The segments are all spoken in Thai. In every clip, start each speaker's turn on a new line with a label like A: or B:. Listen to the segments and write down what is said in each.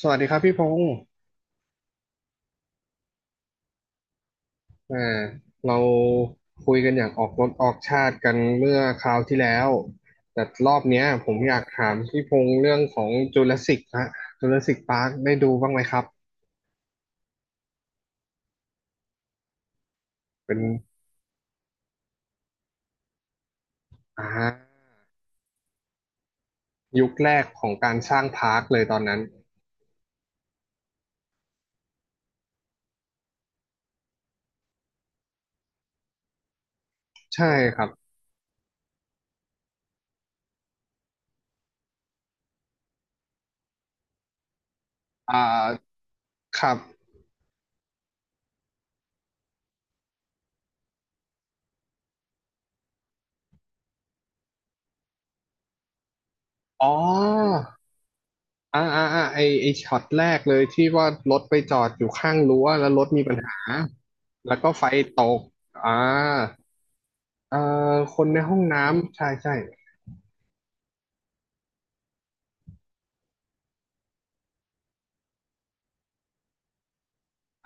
A: สวัสดีครับพี่พงศ์อ่าเราคุยกันอย่างออกรถออกชาติกันเมื่อคราวที่แล้ว แต่รอบเนี้ยผมอยากถามพี่พงศ์เรื่องของจูราสสิกฮะจูราสสิกพาร์คได้ดูบ้างไหมครับ เป็นอ่ายุคแรกของการสร้างพาร์คเลยตอนนั้น ใช่ครับ อ่าครับอ๋ออ่าไอช็อตแรกเลยที่ว่ารถไปจอดอยู่ข้างรั้วแล้วรถมีปัญหา แล้วก็ไฟตก อ่า เอ่คนในห้องน้ำใช่ใช่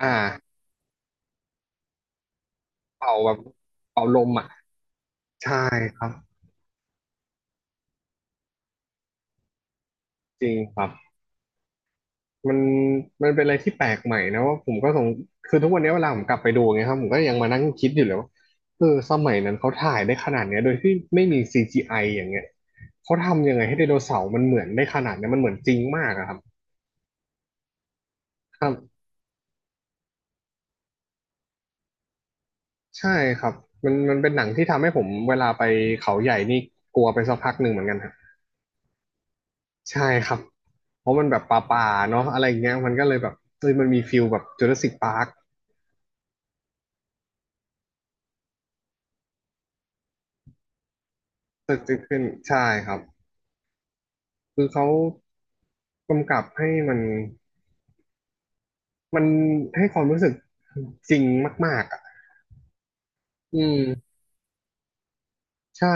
A: อ่าเป่าแบบเป่าลมอ่ะใช่ครับจริงครับมันมันเป็นอะไรที่แปลกใหม่นะว่าผมก็สงคือทุกวันนี้เวลาผมกลับไปดูไ่งยครับผมก็ยังมานั่งคิดอยู่เลยว่าเออสมัยนั้นเขาถ่ายได้ขนาดเนี้ยโดยที่ไม่มี CGI ออย่างเงี้ยเขาทำยังไงให้ไดโนเสาร์มันเหมือนได้ขนาดเนี้ยมันเหมือนจริงมากอะครับครับใช่ครับมันเป็นหนังที่ทำให้ผมเวลาไปเขาใหญ่นี่กลัวไปสักพักหนึ่งเหมือนกันครับใช่ครับ เพราะมันแบบป่าๆเนาะอะไรอย่างเงี้ยมันก็เลยแบบเฮ้ยมันมีฟิลแบบจูราสิคพาร์คเกิดขึ้นใช่ครับคือเขากำกับให้มันมันให้ความรู้สึกจริงมากๆอ่ะอืมใช่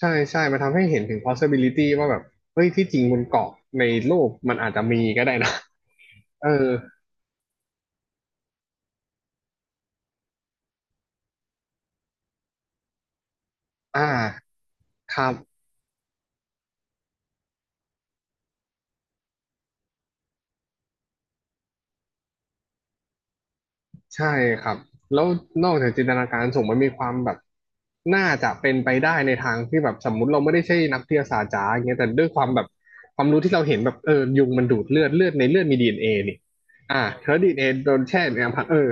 A: ใช่มันทำให้เห็นถึง possibility ว่าแบบเฮ้ยที่จริงบนเกาะในโลกมันอาจจะมีก็ได้นะ เอออ่าครับ ใช่ครับแล้วนอกจากจินตนาการสูงมันมีความแบบน่าจะเป็นไปได้ในทางที่แบบสมมุติเราไม่ได้ใช่นักวิทยาศาสตร์จ๋าอย่างเงี้ยแต่ด้วยความแบบความรู้ที่เราเห็นแบบเออยุงมันดูดเลือดเลือดในเลือดมีดีเอ็นเอนี่อ่าเธอดีเอ็นเอโดนแช่ในน้ำพักเออ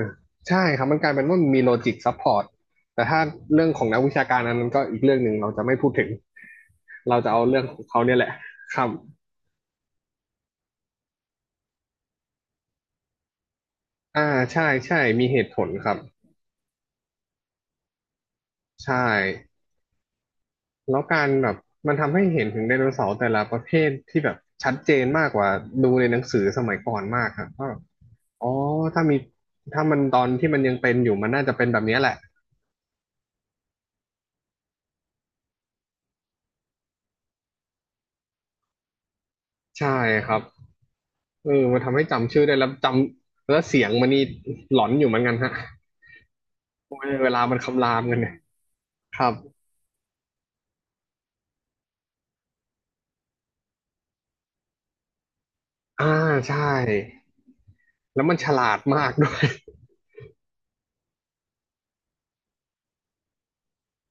A: ใช่ครับมันกลายเป็นว่ามันมีโลจิกซัพพอร์ตแต่ถ้าเรื่องของนักวิชาการอันนั้นก็อีกเรื่องหนึ่งเราจะไม่พูดถึงเราจะเอาเรื่องของเขาเนี่ยแหละครับอ่าใช่ใช่มีเหตุผลครับใช่ แล้วการแบบมันทำให้เห็นถึงไดโนเสาร์แต่ละประเภทที่แบบชัดเจนมากกว่าดูในหนังสือสมัยก่อนมากครับว่าแบบอ๋อถ้ามีถ้ามันตอนที่มันยังเป็นอยู่มันน่าจะเป็นแบบเนี้ยแหละใช่ครับเออมันทำให้จำชื่อได้แล้วจำแล้วเสียงมันนี่หลอนอยู่เหมือนกันฮะโอ้ยเวลามันคำรามกันเนี่ยครับอ่าใช่แล้วมันฉลาดมากด้วย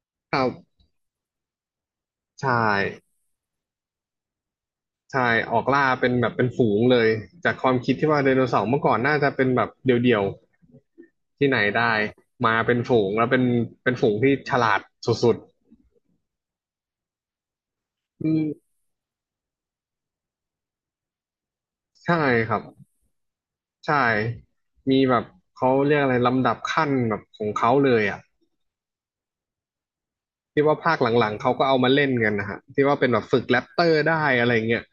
A: ครับใช่ ใช่ออกล่าเป็นแบบเป็นฝูงเลยจากความคิดที่ว่าไดโนเสาร์เมื่อก่อนน่าจะเป็นแบบเดี่ยวๆที่ไหนได้มาเป็นฝูงแล้วเป็นเป็นฝูงที่ฉลาดสุดๆอืมใช่ครับใช่มีแบบเขาเรียกอะไรลำดับขั้นแบบของเขาเลยอ่ะที่ว่าภาคหลังๆเขาก็เอามาเล่นกันนะฮะที่ว่าเป็นแบบฝึกแรปเตอร์ได้อะไรเงี้ย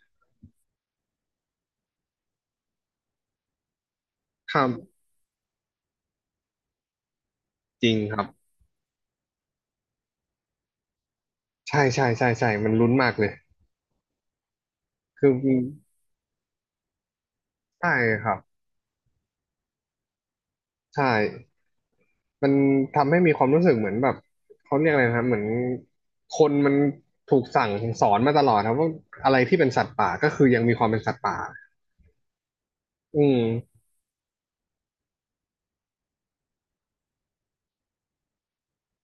A: ครับจริงครับใช่มันลุ้นมากเลยคือใช่ครับใช่ มันทำให้มีความรู้สึกเหมือนแบบเขาเรียกอะไรนะครับเหมือนคนมันถูกสั่งสอนมาตลอดครับว่าอะไรที่เป็นสัตว์ป่าก็คือยังมีความเป็นสัตว์ป่าอืม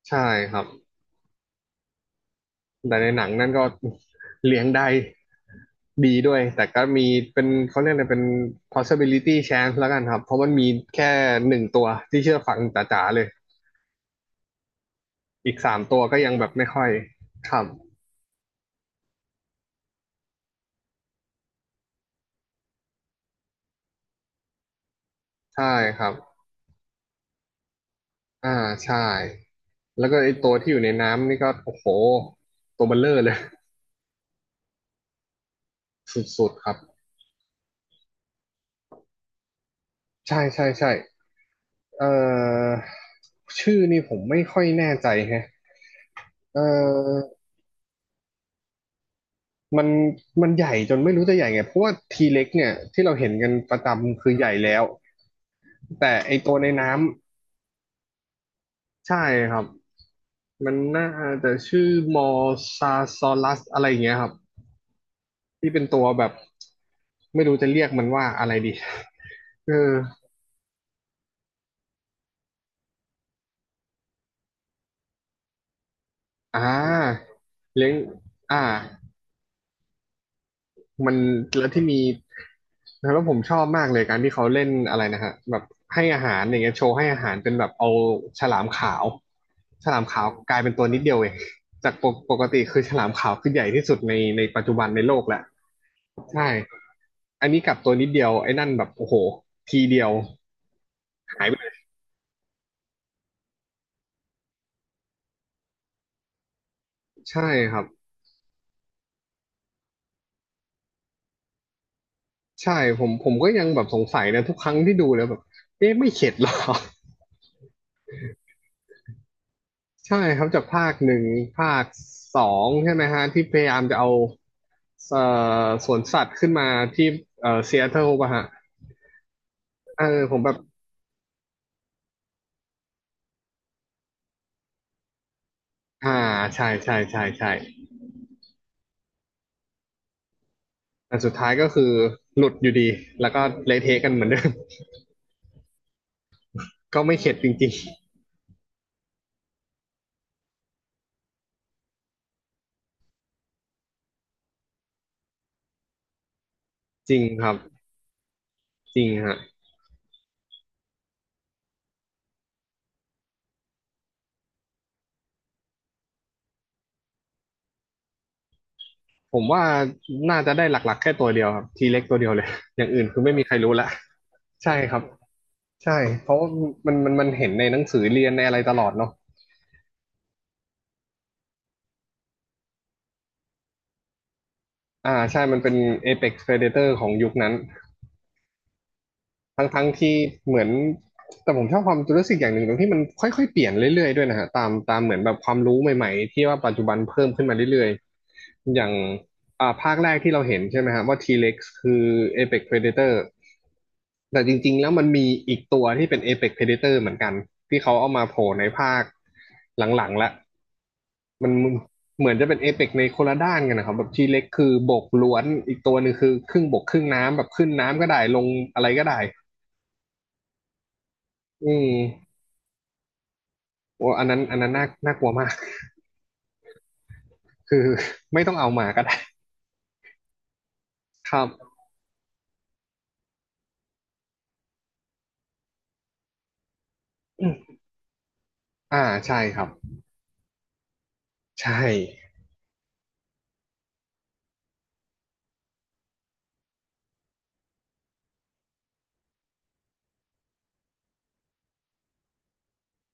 A: ใช่ครับแต่ในหนังนั่นก็เลี้ยงได้ดีด้วยแต่ก็มีเป็นเขาเรียกอะไรเป็น possibility chance แล้วกันครับเพราะมันมีแค่หนึ่งตัวที่เชื่อฟังจ๋าๆเลยอีกสามตัวก็ยังแบบไม่ค่อยครับใช่ครับ อ่าใช่แล้วก็ไอตัวที่อยู่ในน้ำนี่ก็โอ้โหตัวเบลเลอร์เลยสุดๆครับใช่เอ่อชื่อนี่ผมไม่ค่อยแน่ใจแฮะเอ่อมันมันใหญ่จนไม่รู้จะใหญ่ไงเพราะว่าทีเล็กเนี่ยที่เราเห็นกันประจำคือใหญ่แล้วแต่ไอตัวในน้ำใช่ครับมันน่าจะชื่อมอซาซอลัสอะไรอย่างเงี้ยครับที่เป็นตัวแบบไม่รู้จะเรียกมันว่าอะไรดีเออ อ่าเลี้ยงอ่ามันแล้วที่มีแล้วผมชอบมากเลยการที่เขาเล่นอะไรนะฮะแบบให้อาหารอย่างเงี้ยโชว์ให้อาหารเป็นแบบเอาฉลามขาวฉลามขาวกลายเป็นตัวนิดเดียวเองจากปกติคือฉลามขาวคือใหญ่ที่สุดในปัจจุบันในโลกแหละใช่อันนี้กลับตัวนิดเดียวไอ้นั่นแบบโอ้โหทีเดียวหายไปเลยใช่ครับใช่ผมก็ยังแบบสงสัยนะทุกครั้งที่ดูแล้วแบบเอ๊ะไม่เข็ดหรอ ใช่ครับจากภาคหนึ่งภาคสองใช่ไหมฮะที่พยายามจะเอาสวนสัตว์ขึ้นมาที่ซีแอตเทิลป่ะฮะเออผมแบบอ่าใช่ใช่ใช่ใช่แต่สุดท้ายก็คือหลุดอยู่ดีแล้วก็เละเทะกันเหมือนเดิม ก็ไม่เข็ดจริงๆจริงครับจริงฮะผมว่าน่าจะได้หลักๆแค่ตัวเดียวครับทีเล็กตัวเดียวเลย อย่างอื่นคือไม่มีใครรู้ละใช่ครับใช่เพราะว่ามันเห็นในหนังสือเรียนในอะไรตลอดเนาะ อ่าใช่มันเป็น Apex Predator ของยุคนั้นทั้งที่เหมือนแต่ผมชอบความรู้สึกอย่างหนึ่งตรงที่มันค่อยๆเปลี่ยนเรื่อยๆด้วยนะฮะตามเหมือนแบบความรู้ใหม่ๆที่ว่าปัจจุบันเพิ่มขึ้นมาเรื่อยๆอย่างอ่าภาคแรกที่เราเห็นใช่ไหมฮะว่า T-Rex คือ Apex Predator แต่จริงๆแล้วมันมีอีกตัวที่เป็น Apex Predator เหมือนกันที่เขาเอามาโผล่ในภาคหลังๆละ มันเหมือนจะเป็นเอเปกในคนละด้านกันนะครับแบบทีเล็กคือบกล้วนอีกตัวหนึ่งคือครึ่งบกครึ่งน้ำแบบขึ้นน้ำก็ได้ลงอะไรก็ได้อืมโอ้อันนั้นน่ากลัวมากคือไม่ต้องเอามาก็ได้ครับอ่าใช่ครับใช่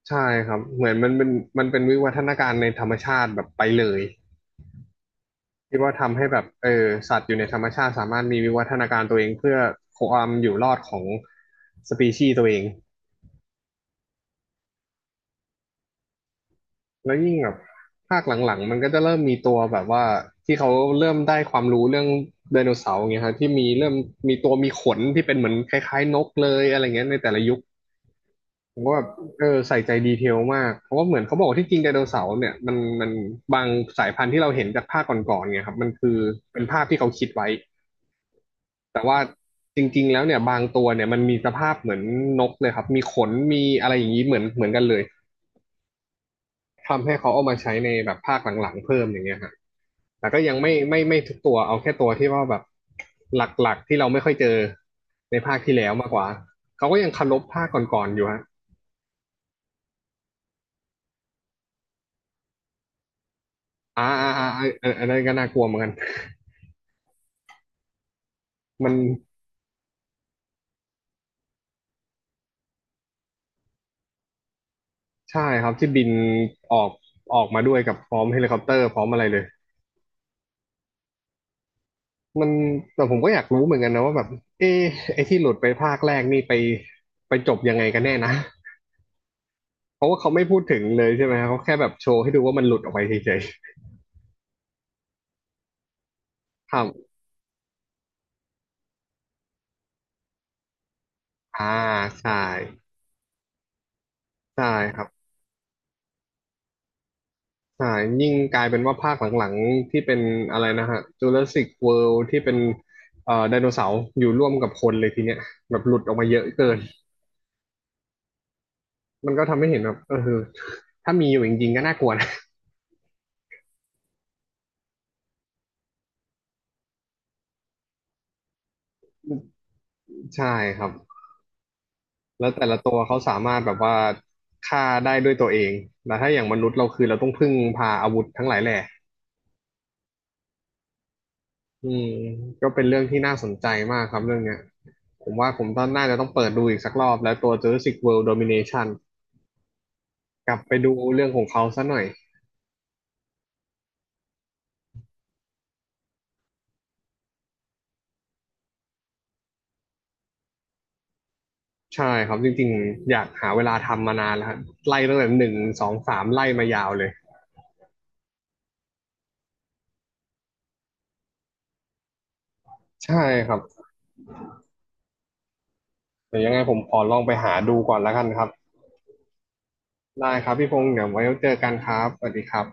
A: ใช่ครับเหมือนมันเป็นวิวัฒนาการในธรรมชาติแบบไปเลยที่ว่าทำให้แบบเออสัตว์อยู่ในธรรมชาติสามารถมีวิวัฒนาการตัวเองเพื่อความอยู่รอดของสปีชีส์ตัวเอง แล้วยิ่งแบบภาคหลังๆมันก็จะเริ่มมีตัวแบบว่าที่เขาเริ่มได้ความรู้เรื่องไดโนเสาร์อย่างเงี้ยฮะที่มีเริ่มมีตัวมีขนที่เป็นเหมือนคล้ายๆนกเลยอะไรเงี้ยในแต่ละยุคผมก็แบบเออใส่ใจดีเทลมากเพราะว่าเหมือนเขาบอกว่าที่จริงไดโนเสาร์เนี่ยมันบางสายพันธุ์ที่เราเห็นจากภาคก่อนๆเนี่ยครับมันคือเป็นภาพที่เขาคิดไว้แต่ว่าจริงๆแล้วเนี่ยบางตัวเนี่ยมันมีสภาพเหมือนนกเลยครับมีขนมีอะไรอย่างนี้เหมือนกันเลยทำให้เขาเอามาใช้ในแบบภาคหลังๆเพิ่มอย่างเงี้ยฮะ แต่ก็ยังไม่ทุกตัวเอาแค่ตัวที่ว่าแบบหลักๆที่เราไม่ค่อยเจอในภาคที่แล้วมากกว่าเขาก็ยังเคารพภาคก่อนๆอยู่ฮะอันนั้นก็น่ากลัวเหมือนกันมันใช่ครับที่บินออกออกมาด้วยกับพร้อมเฮลิคอปเตอร์พร้อมอะไรเลยมันแต่ผมก็อยากรู้เหมือนกันนะว่าแบบเอะไอ้ที่หลุดไปภาคแรกนี่ไปจบยังไงกันแน่นะเพราะว่าเขาไม่พูดถึงเลยใช่ไหมครับเขาแค่แบบโชว์ให้ดูว่ามันหลุดออกไปเฉยๆครับอ่าใช่ใช่ครับ ใช่ยิ่งกลายเป็นว่าภาคหลังๆที่เป็นอะไรนะฮะ Jurassic World ที่เป็นไดโนเสาร์อยู่ร่วมกับคนเลยทีเนี้ยแบบหลุดออกมาเยอะเกินมันก็ทำให้เห็นแบบเออถ้ามีอยู่จริงๆก็น่ากลัวนะ ใช่ครับแล้วแต่ละตัวเขาสามารถแบบว่าฆ่าได้ด้วยตัวเองแต่ถ้าอย่างมนุษย์เราคือเราต้องพึ่งพาอาวุธทั้งหลายแหล่อืมก็เป็นเรื่องที่น่าสนใจมากครับเรื่องเนี้ยผมว่าผมต้องน่าจะต้องเปิดดูอีกสักรอบแล้วตัว Jurassic World Domination กลับไปดูเรื่องของเขาซะหน่อย ใช่ครับจริงๆอยากหาเวลาทำมานานแล้วครับไล่ตั้งแต่หนึ่งสองสามไล่มายาวเลยใช่ครับเดี๋ยวยังไงผมขอลองไปหาดูก่อนแล้วกันครับได้ครับพี่พงษ์เดี๋ยวไว้เจอกันครับสวัสดีครับ